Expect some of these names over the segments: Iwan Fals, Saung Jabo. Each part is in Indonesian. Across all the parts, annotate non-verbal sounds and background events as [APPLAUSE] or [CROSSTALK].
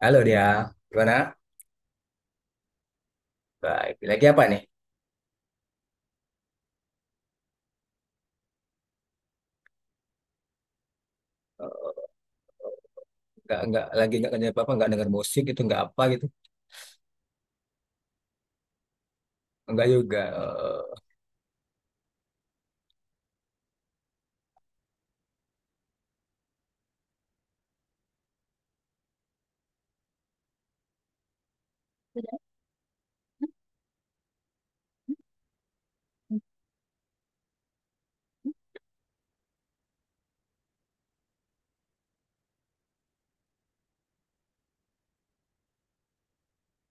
Halo dia, gimana? Baik, lagi apa nih? Eh, nggak, lagi nggak kerja apa-apa, nggak denger musik gitu, nggak apa gitu. Nggak juga. eh,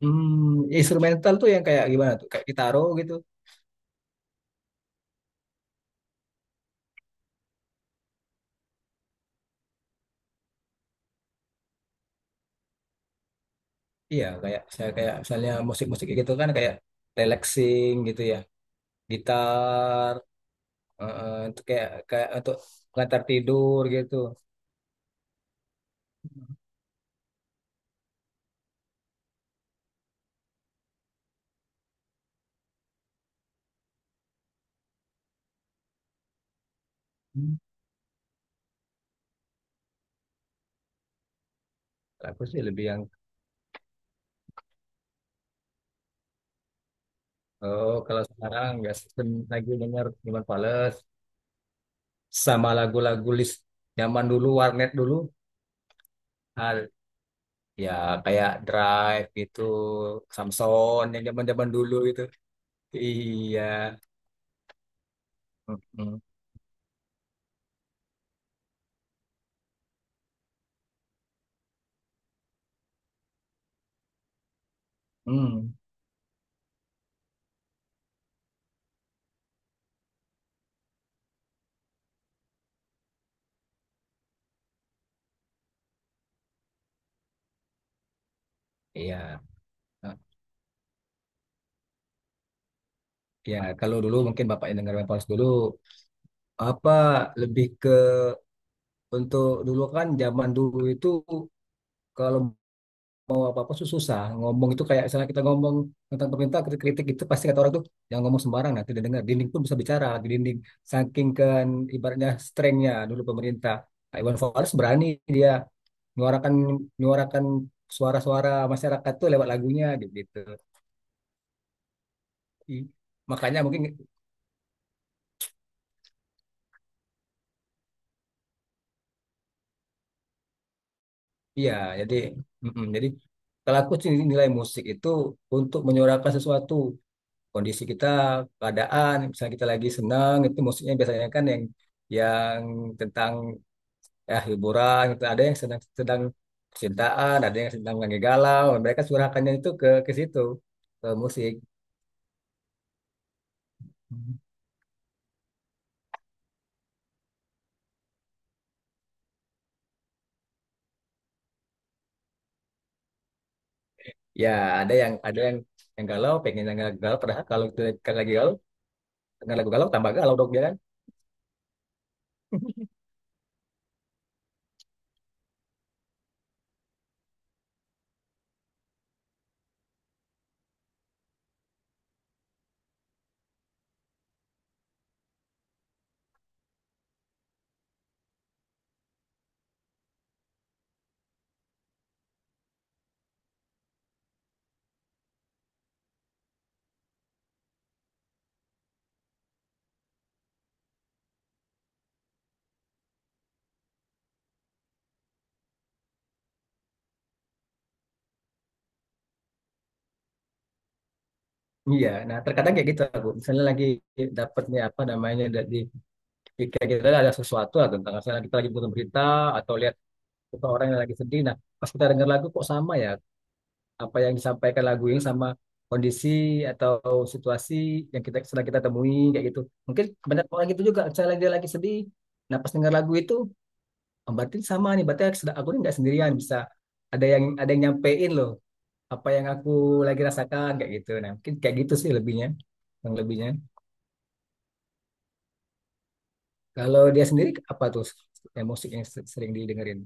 hmm, instrumental tuh yang kayak gimana tuh? Kayak gitaro gitu. Iya, kayak saya kayak misalnya musik-musik gitu kan kayak relaxing gitu ya. Gitar, itu kayak kayak untuk pengantar tidur gitu. Hmm, aku sih lebih yang oh kalau sekarang nggak sistem lagi denger Iwan Fals sama lagu-lagu list zaman dulu warnet dulu. Ya kayak Drive gitu, Samson yang zaman-zaman dulu itu. Iya. Mm-mm. Hmm. Iya. Nah, ya kalau dulu mungkin bapaknya dengar Pals dulu, apa lebih ke, untuk dulu kan zaman dulu itu kalau mau apa-apa tuh susah. Ngomong itu kayak misalnya kita ngomong tentang pemerintah, kritik-kritik itu pasti kata orang tuh jangan ngomong sembarang nanti tidak dengar. Dinding pun bisa bicara di dinding. Saking kan ibaratnya strengthnya dulu pemerintah. Pak Iwan Fals berani, dia menyuarakan menyuarakan suara-suara masyarakat tuh lewat lagunya gitu. I- Makanya mungkin iya, jadi mm-mm. Jadi kalau aku sih nilai musik itu untuk menyuarakan sesuatu kondisi kita, keadaan. Misalnya kita lagi senang, itu musiknya biasanya kan yang yang tentang ya hiburan, gitu. Ada yang sedang sedang percintaan, ada yang sedang lagi galau, mereka curahkannya itu ke situ, ke musik. Ya, ada yang galau, pengen yang galau, padahal kalau itu kan lagi galau, dengan lagu galau tambah galau dong dia kan. Iya, nah terkadang kayak gitu aku. Misalnya lagi dapatnya apa namanya kayak kita ada sesuatu lah tentang misalnya kita lagi butuh berita atau lihat suka orang yang lagi sedih. Nah, pas kita dengar lagu kok sama ya apa yang disampaikan lagu ini sama kondisi atau situasi yang kita sedang kita temui kayak gitu. Mungkin banyak orang gitu juga, misalnya dia lagi sedih. Nah, pas dengar lagu itu, oh, berarti sama nih, berarti aku sedang- aku ini nggak sendirian, bisa ada yang nyampein loh apa yang aku lagi rasakan kayak gitu. Nah, mungkin kayak gitu sih lebihnya, yang lebihnya. Kalau dia sendiri apa tuh emosi yang sering didengerin?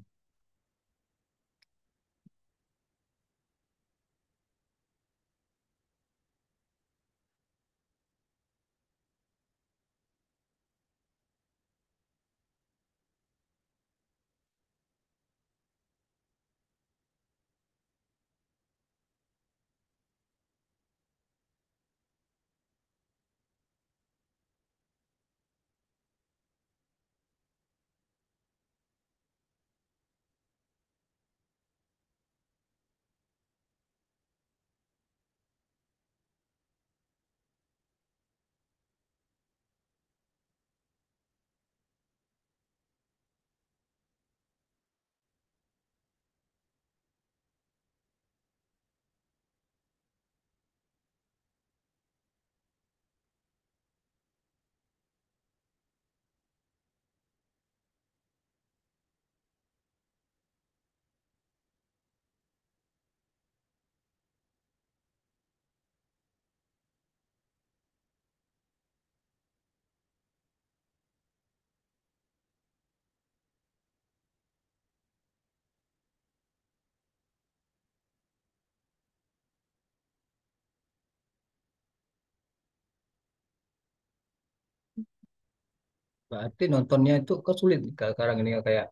Berarti nontonnya itu kok sulit nih, kalau sekarang ini kayak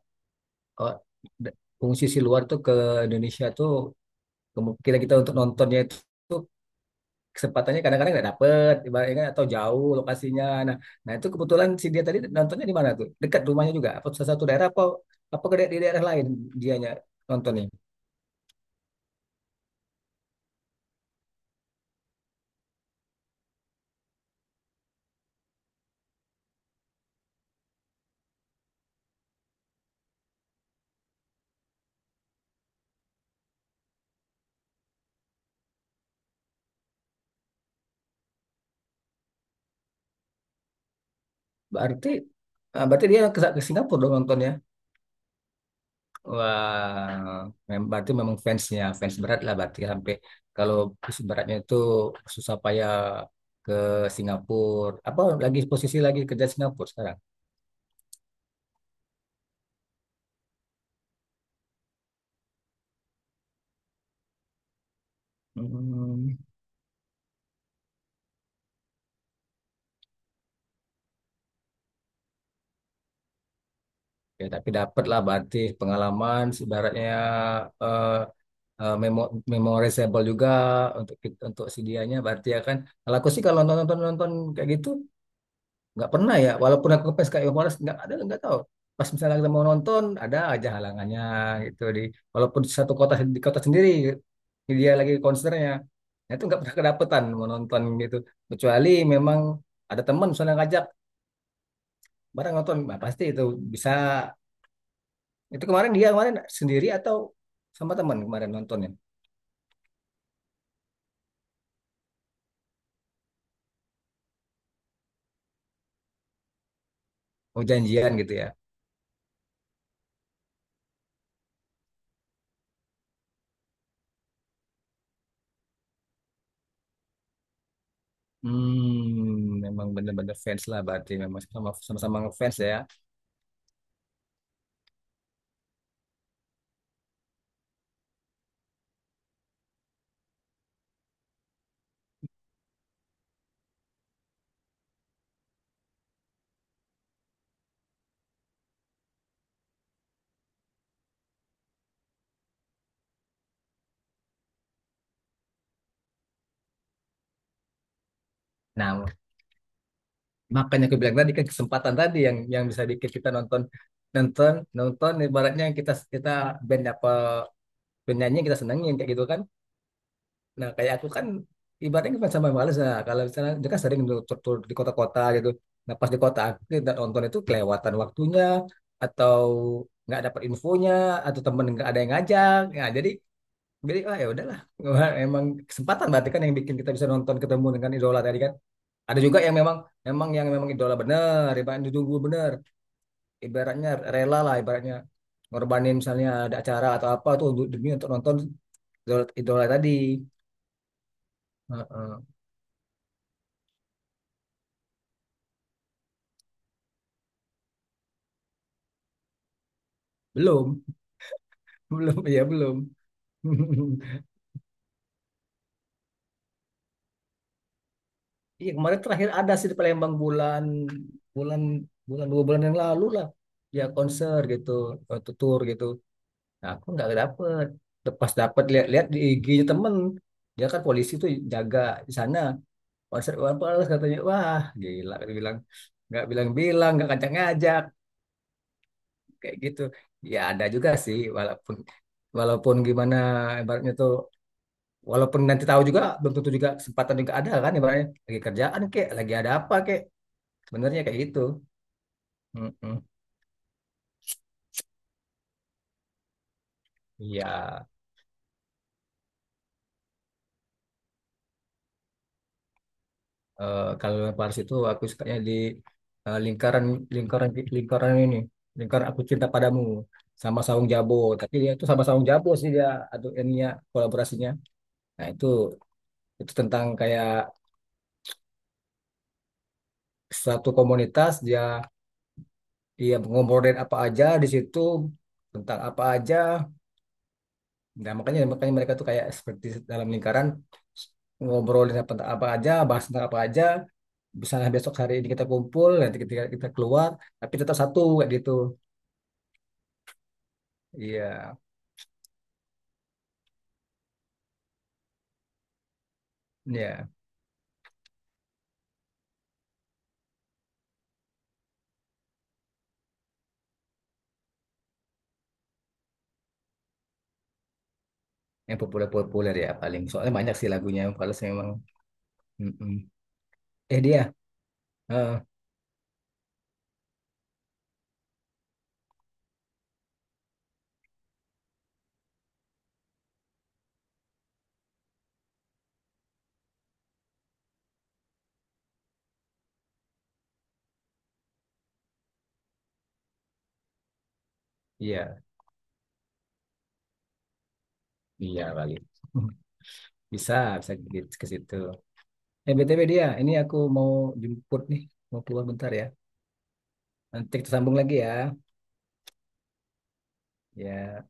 oh, fungsi si luar tuh ke Indonesia tuh kita kita untuk nontonnya itu tuh kesempatannya kadang-kadang nggak dapet ibaratnya kan, atau jauh lokasinya. Nah nah itu kebetulan si dia tadi nontonnya di mana tuh, dekat rumahnya juga apa salah satu daerah, apa apa di daerah lain dianya nontonnya. Berarti ah, berarti dia ke Singapura dong nontonnya. Wah, berarti memang fansnya fans berat lah berarti ya, sampai kalau fans beratnya itu susah payah ke Singapura. Apa lagi posisi lagi kerja Singapura sekarang? Hmm, ya tapi dapat lah berarti pengalaman sebaratnya, eh memorizable juga untuk untuk si dianya berarti ya kan. Kalau aku sih kalau nonton-nonton kayak gitu nggak pernah ya, walaupun aku ke PSKI Forest nggak ada, nggak tahu, pas misalnya kita mau nonton ada aja halangannya gitu di, walaupun di satu kota di kota sendiri dia lagi konsernya, nah itu nggak pernah kedapetan mau nonton gitu, kecuali memang ada teman misalnya ngajak bareng nonton, nah pasti itu bisa. Itu kemarin dia kemarin sendiri atau sama teman kemarin nontonnya, mau janjian gitu ya. Hmm, memang bener-bener fans lah berarti, memang sama, sama-sama ngefans ya. Nah, makanya aku bilang tadi kan, kesempatan tadi yang bisa bikin kita nonton nonton nonton ibaratnya kita kita band, apa band nyanyi yang kita senengin kayak gitu kan. Nah kayak aku kan ibaratnya kan sama males lah. Kalau misalnya dia kan sering dulu tur, tur di kota-kota gitu. Nah pas di kota aku tidak nonton itu kelewatan waktunya, atau nggak dapat infonya, atau temen nggak ada yang ngajak. Nah jadi ah ya udahlah. [LAUGHS] Emang kesempatan berarti kan yang bikin kita bisa nonton ketemu dengan idola tadi kan. Ada juga yang memang, memang yang memang idola bener, ibaratnya ditunggu bener, ibaratnya rela lah, ibaratnya ngorbanin misalnya ada acara atau apa tuh untuk demi untuk nonton idola, idola tadi. Heeh. Belum, [LAUGHS] belum ya belum. [LAUGHS] Iya kemarin terakhir ada sih di Palembang, bulan bulan bulan dua bulan yang lalu lah, ya konser gitu, atau tour gitu. Nah, aku nggak dapet. Pas dapet lihat-lihat di IG-nya temen, dia kan polisi tuh jaga di sana. Pasar Iwan Fals katanya, wah gila. Dia bilang nggak bilang-bilang, nggak kacang ngajak kayak gitu. Ya ada juga sih, walaupun walaupun gimana ibaratnya tuh, walaupun nanti tahu juga belum tentu juga kesempatan juga ada kan, ibaratnya lagi kerjaan kek, lagi ada apa kek, sebenarnya kayak gitu. Mm-mm. Iya, kalau Iwan Fals itu aku sukanya di eh, lingkaran lingkaran lingkaran ini, lingkaran aku cinta padamu sama Saung Jabo, tapi dia itu sama Saung Jabo sih dia, aduh ininya kolaborasinya. Nah, itu tentang kayak suatu komunitas, dia dia ngobrolin apa aja di situ, tentang apa aja. Nah, makanya makanya mereka tuh kayak seperti dalam lingkaran ngobrolin apa, apa aja, bahas tentang apa aja. Misalnya besok hari ini kita kumpul, nanti ketika kita keluar, tapi tetap satu kayak gitu. Iya, iya. Yang populer-populer ya paling. Soalnya banyak sih lagunya kalau saya memang. Mm-mm. Eh dia, Eh, iya, iya kali. [LAUGHS] Bisa, bisa ke situ. Eh, BTW dia, ini aku mau jemput nih, mau keluar bentar ya. Nanti kita sambung lagi ya. Ya.